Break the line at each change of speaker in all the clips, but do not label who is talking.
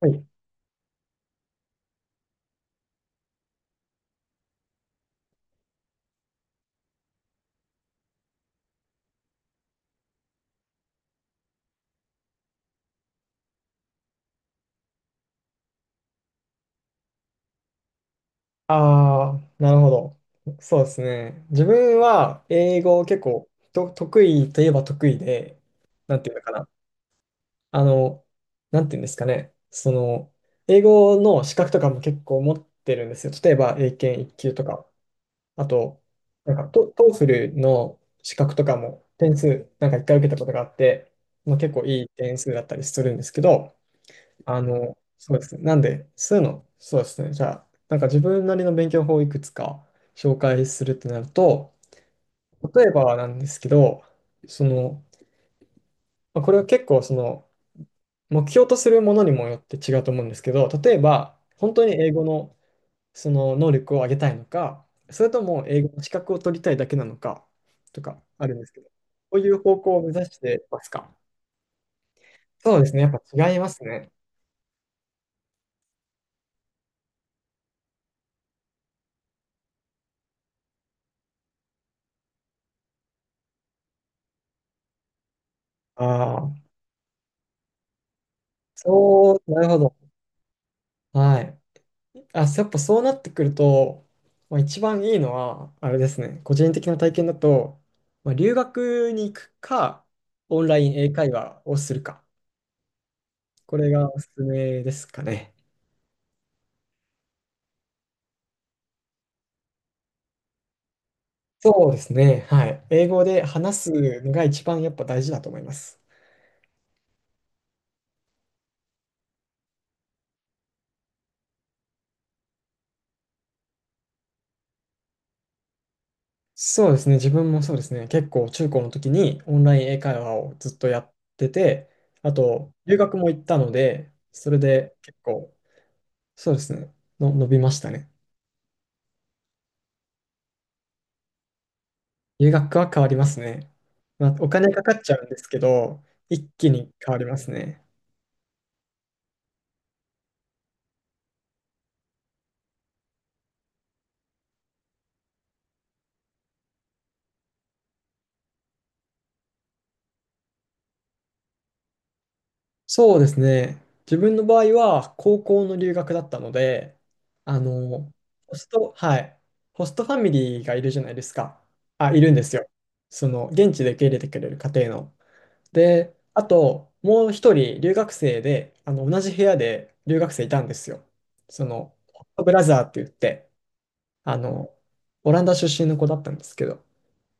はい。ああ、なるほど。そうですね。自分は英語結構と得意といえば得意で、なんていうのかな。あの、なんていうんですかね。英語の資格とかも結構持ってるんですよ。例えば英検一級とか、あと、なんかトーフルの資格とかも点数、なんか一回受けたことがあって、まあ、結構いい点数だったりするんですけど、そうですね。なんで、そうですね。じゃあ、なんか自分なりの勉強法をいくつか紹介するってなると、例えばなんですけど、その、まあこれは結構目標とするものにもよって違うと思うんですけど、例えば、本当に英語のその能力を上げたいのか、それとも英語の資格を取りたいだけなのか、とかあるんですけど、こういう方向を目指してますか？そうですね。やっぱ違いますね。ああ、そう、なるほど。はい。あ、やっぱそうなってくると、まあ、一番いいのは、あれですね、個人的な体験だと、まあ、留学に行くか、オンライン英会話をするか、これがおすすめですかね。そうですね、はい。英語で話すのが一番やっぱ大事だと思います。そうですね、自分もそうですね、結構中高の時にオンライン英会話をずっとやってて、あと、留学も行ったので、それで結構、そうですね、の伸びましたね。留学は変わりますね。まあ、お金かかっちゃうんですけど、一気に変わりますね。そうですね。自分の場合は高校の留学だったので、あの、ホスト、はい、ホストファミリーがいるじゃないですか。あ、いるんですよ。その、現地で受け入れてくれる家庭の。で、あと、もう一人留学生で、同じ部屋で留学生いたんですよ。ホットブラザーって言って、あの、オランダ出身の子だったんですけど、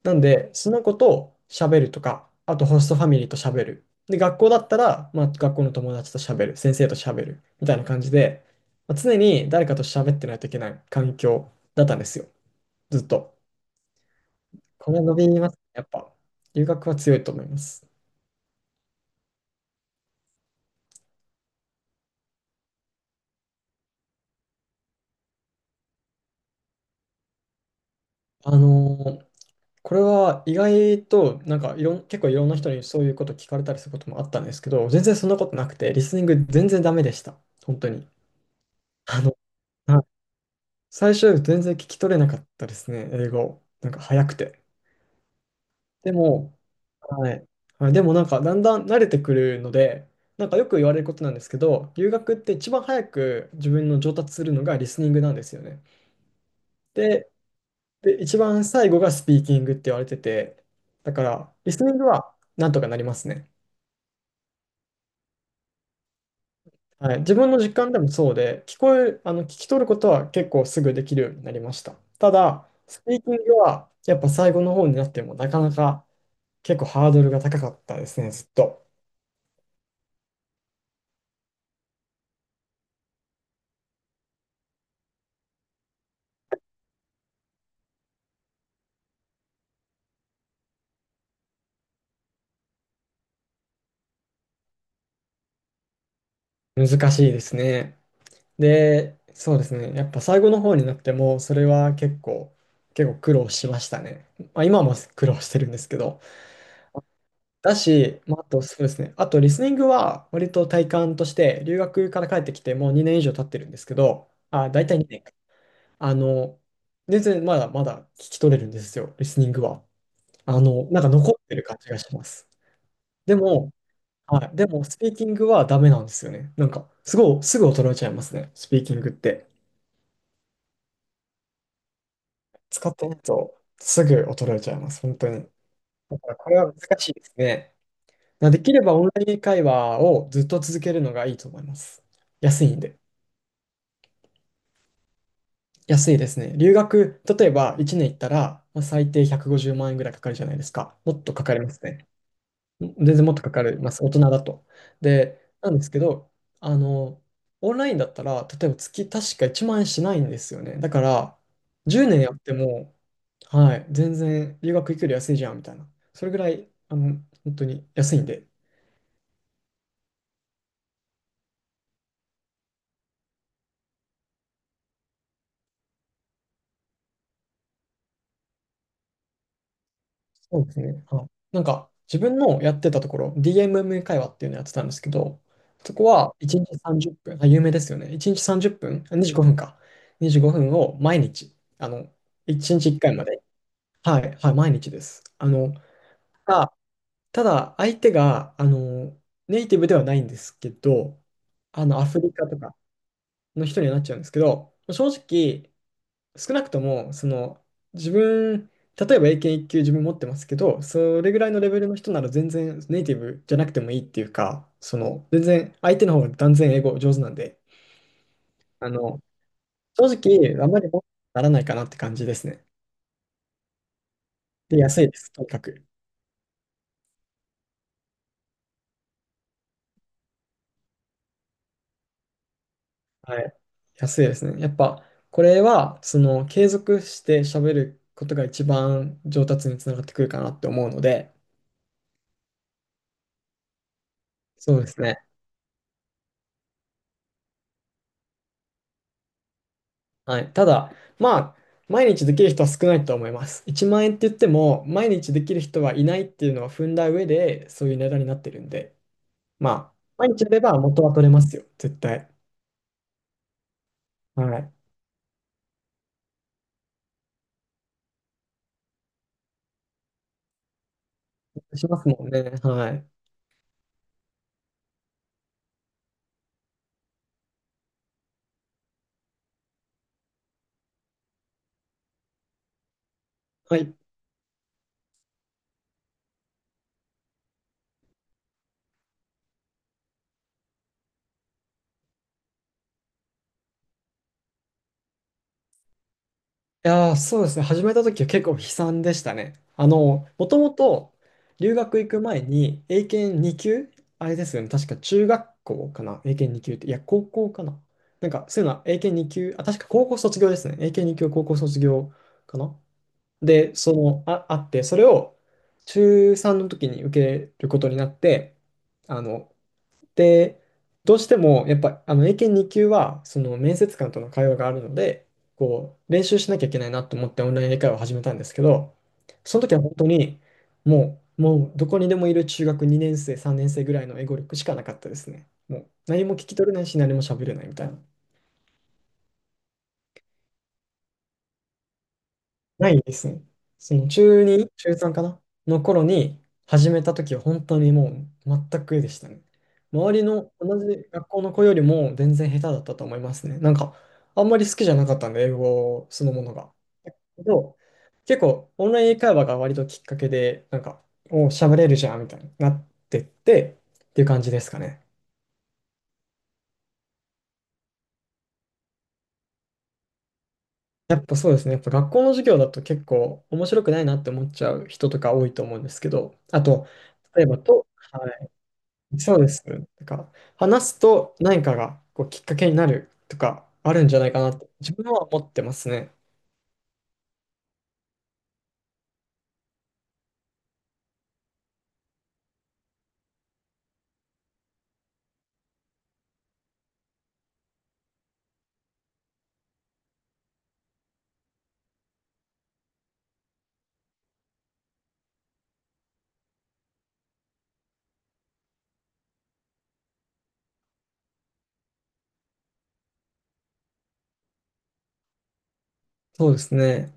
なんで、その子と喋るとか、あとホストファミリーと喋る。で、学校だったら、まあ、学校の友達と喋る、先生と喋る、みたいな感じで、まあ、常に誰かと喋ってないといけない環境だったんですよ。ずっと。これは伸びますね。やっぱ、留学は強いと思います。あのーこれは意外と、なんかいろん、結構いろんな人にそういうこと聞かれたりすることもあったんですけど、全然そんなことなくて、リスニング全然ダメでした。本当に。あの、はい。最初全然聞き取れなかったですね、英語。なんか早くて。でも、はい。はい、でもなんかだんだん慣れてくるので、なんかよく言われることなんですけど、留学って一番早く自分の上達するのがリスニングなんですよね。で、で、一番最後がスピーキングって言われてて、だからリスニングはなんとかなりますね。はい、自分の実感でもそうで、聞こえる、あの、聞き取ることは結構すぐできるようになりました。ただ、スピーキングはやっぱ最後の方になってもなかなか結構ハードルが高かったですね、ずっと。難しいですね。で、そうですね、やっぱ最後の方になっても、それは結構、苦労しましたね。まあ、今も苦労してるんですけど。だし、まあ、あとそうですね、あとリスニングは割と体感として、留学から帰ってきてもう2年以上経ってるんですけど、あ、大体2年か。あの、全然まだまだ聞き取れるんですよ、リスニングは。なんか残ってる感じがします。でも、はい。でも、スピーキングはダメなんですよね。なんか、すごい、すぐ衰えちゃいますね。スピーキングって。使ってないと、すぐ衰えちゃいます。本当に。だから、これは難しいですね。できればオンライン会話をずっと続けるのがいいと思います。安いんで。安いですね。留学、例えば1年行ったら、まあ最低150万円ぐらいかかるじゃないですか。もっとかかりますね。全然もっとかかります、大人だと。で、なんですけど、あの、オンラインだったら、例えば月確か1万円しないんですよね。だから、10年やっても、はい、全然留学行くより安いじゃんみたいな。それぐらい、本当に安いんで。そうですね。はい。なんか、自分のやってたところ、DMM 会話っていうのやってたんですけど、そこは1日30分、あ、有名ですよね。1日30分、あ25分か。25分を毎日、1日1回まで。はい、はい、毎日です。あただ、相手が、ネイティブではないんですけど、アフリカとかの人にはなっちゃうんですけど、正直、少なくとも、自分、例えば英検一級自分持ってますけど、それぐらいのレベルの人なら全然ネイティブじゃなくてもいいっていうか、全然相手の方が断然英語上手なんで、あの、正直、あんまり問題にならないかなって感じですね。で、安いです、とにかく。はい。安いですね。やっぱ、これは、継続して喋ることが一番上達につながってくるかなって思うので、そうですね。はい。ただ、まあ、毎日できる人は少ないと思います。1万円って言っても、毎日できる人はいないっていうのは踏んだ上で、そういう値段になってるんで、まあ、毎日やれば元は取れますよ、絶対。はい。しますもんね。はい。はい。いやー、そうですね。始めた時は結構悲惨でしたね。もともと留学行く前に英検2級あれですよね。確か中学校かな。英検2級って。いや、高校かな。なんか、そういうのは英検2級、あ、確か高校卒業ですね。英検2級高校卒業かな。で、あって、それを中3の時に受けることになって、あの、で、どうしても、やっぱ、英検2級は、面接官との会話があるので、こう、練習しなきゃいけないなと思ってオンライン英会話を始めたんですけど、その時は本当に、もう、もう、どこにでもいる中学2年生、3年生ぐらいの英語力しかなかったですね。もう、何も聞き取れないし、何も喋れないみたいな。ないですね。その中2、中3かなの頃に始めた時は本当にもう全くでしたね。周りの同じ学校の子よりも全然下手だったと思いますね。なんかあんまり好きじゃなかったんで、英語そのものが。けど、結構オンライン英会話が割ときっかけで、なんか、お喋れるじゃんみたいになってってっていう感じですかね。やっぱそうですね。やっぱ学校の授業だと結構面白くないなって思っちゃう人とか多いと思うんですけど、あと、例えばと、はい、そうです。なんか、話すと何かがこうきっかけになるとかあるんじゃないかなって自分は思ってますね。そうですね。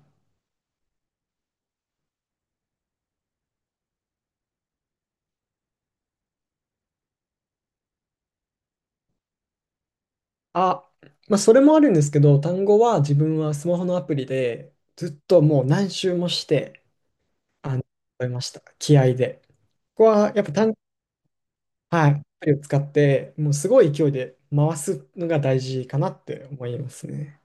あ、まあそれもあるんですけど、単語は自分はスマホのアプリでずっともう何周もして、あの、覚えました。気合で。ここはやっぱはい、アプリを使って、もうすごい勢いで回すのが大事かなって思いますね。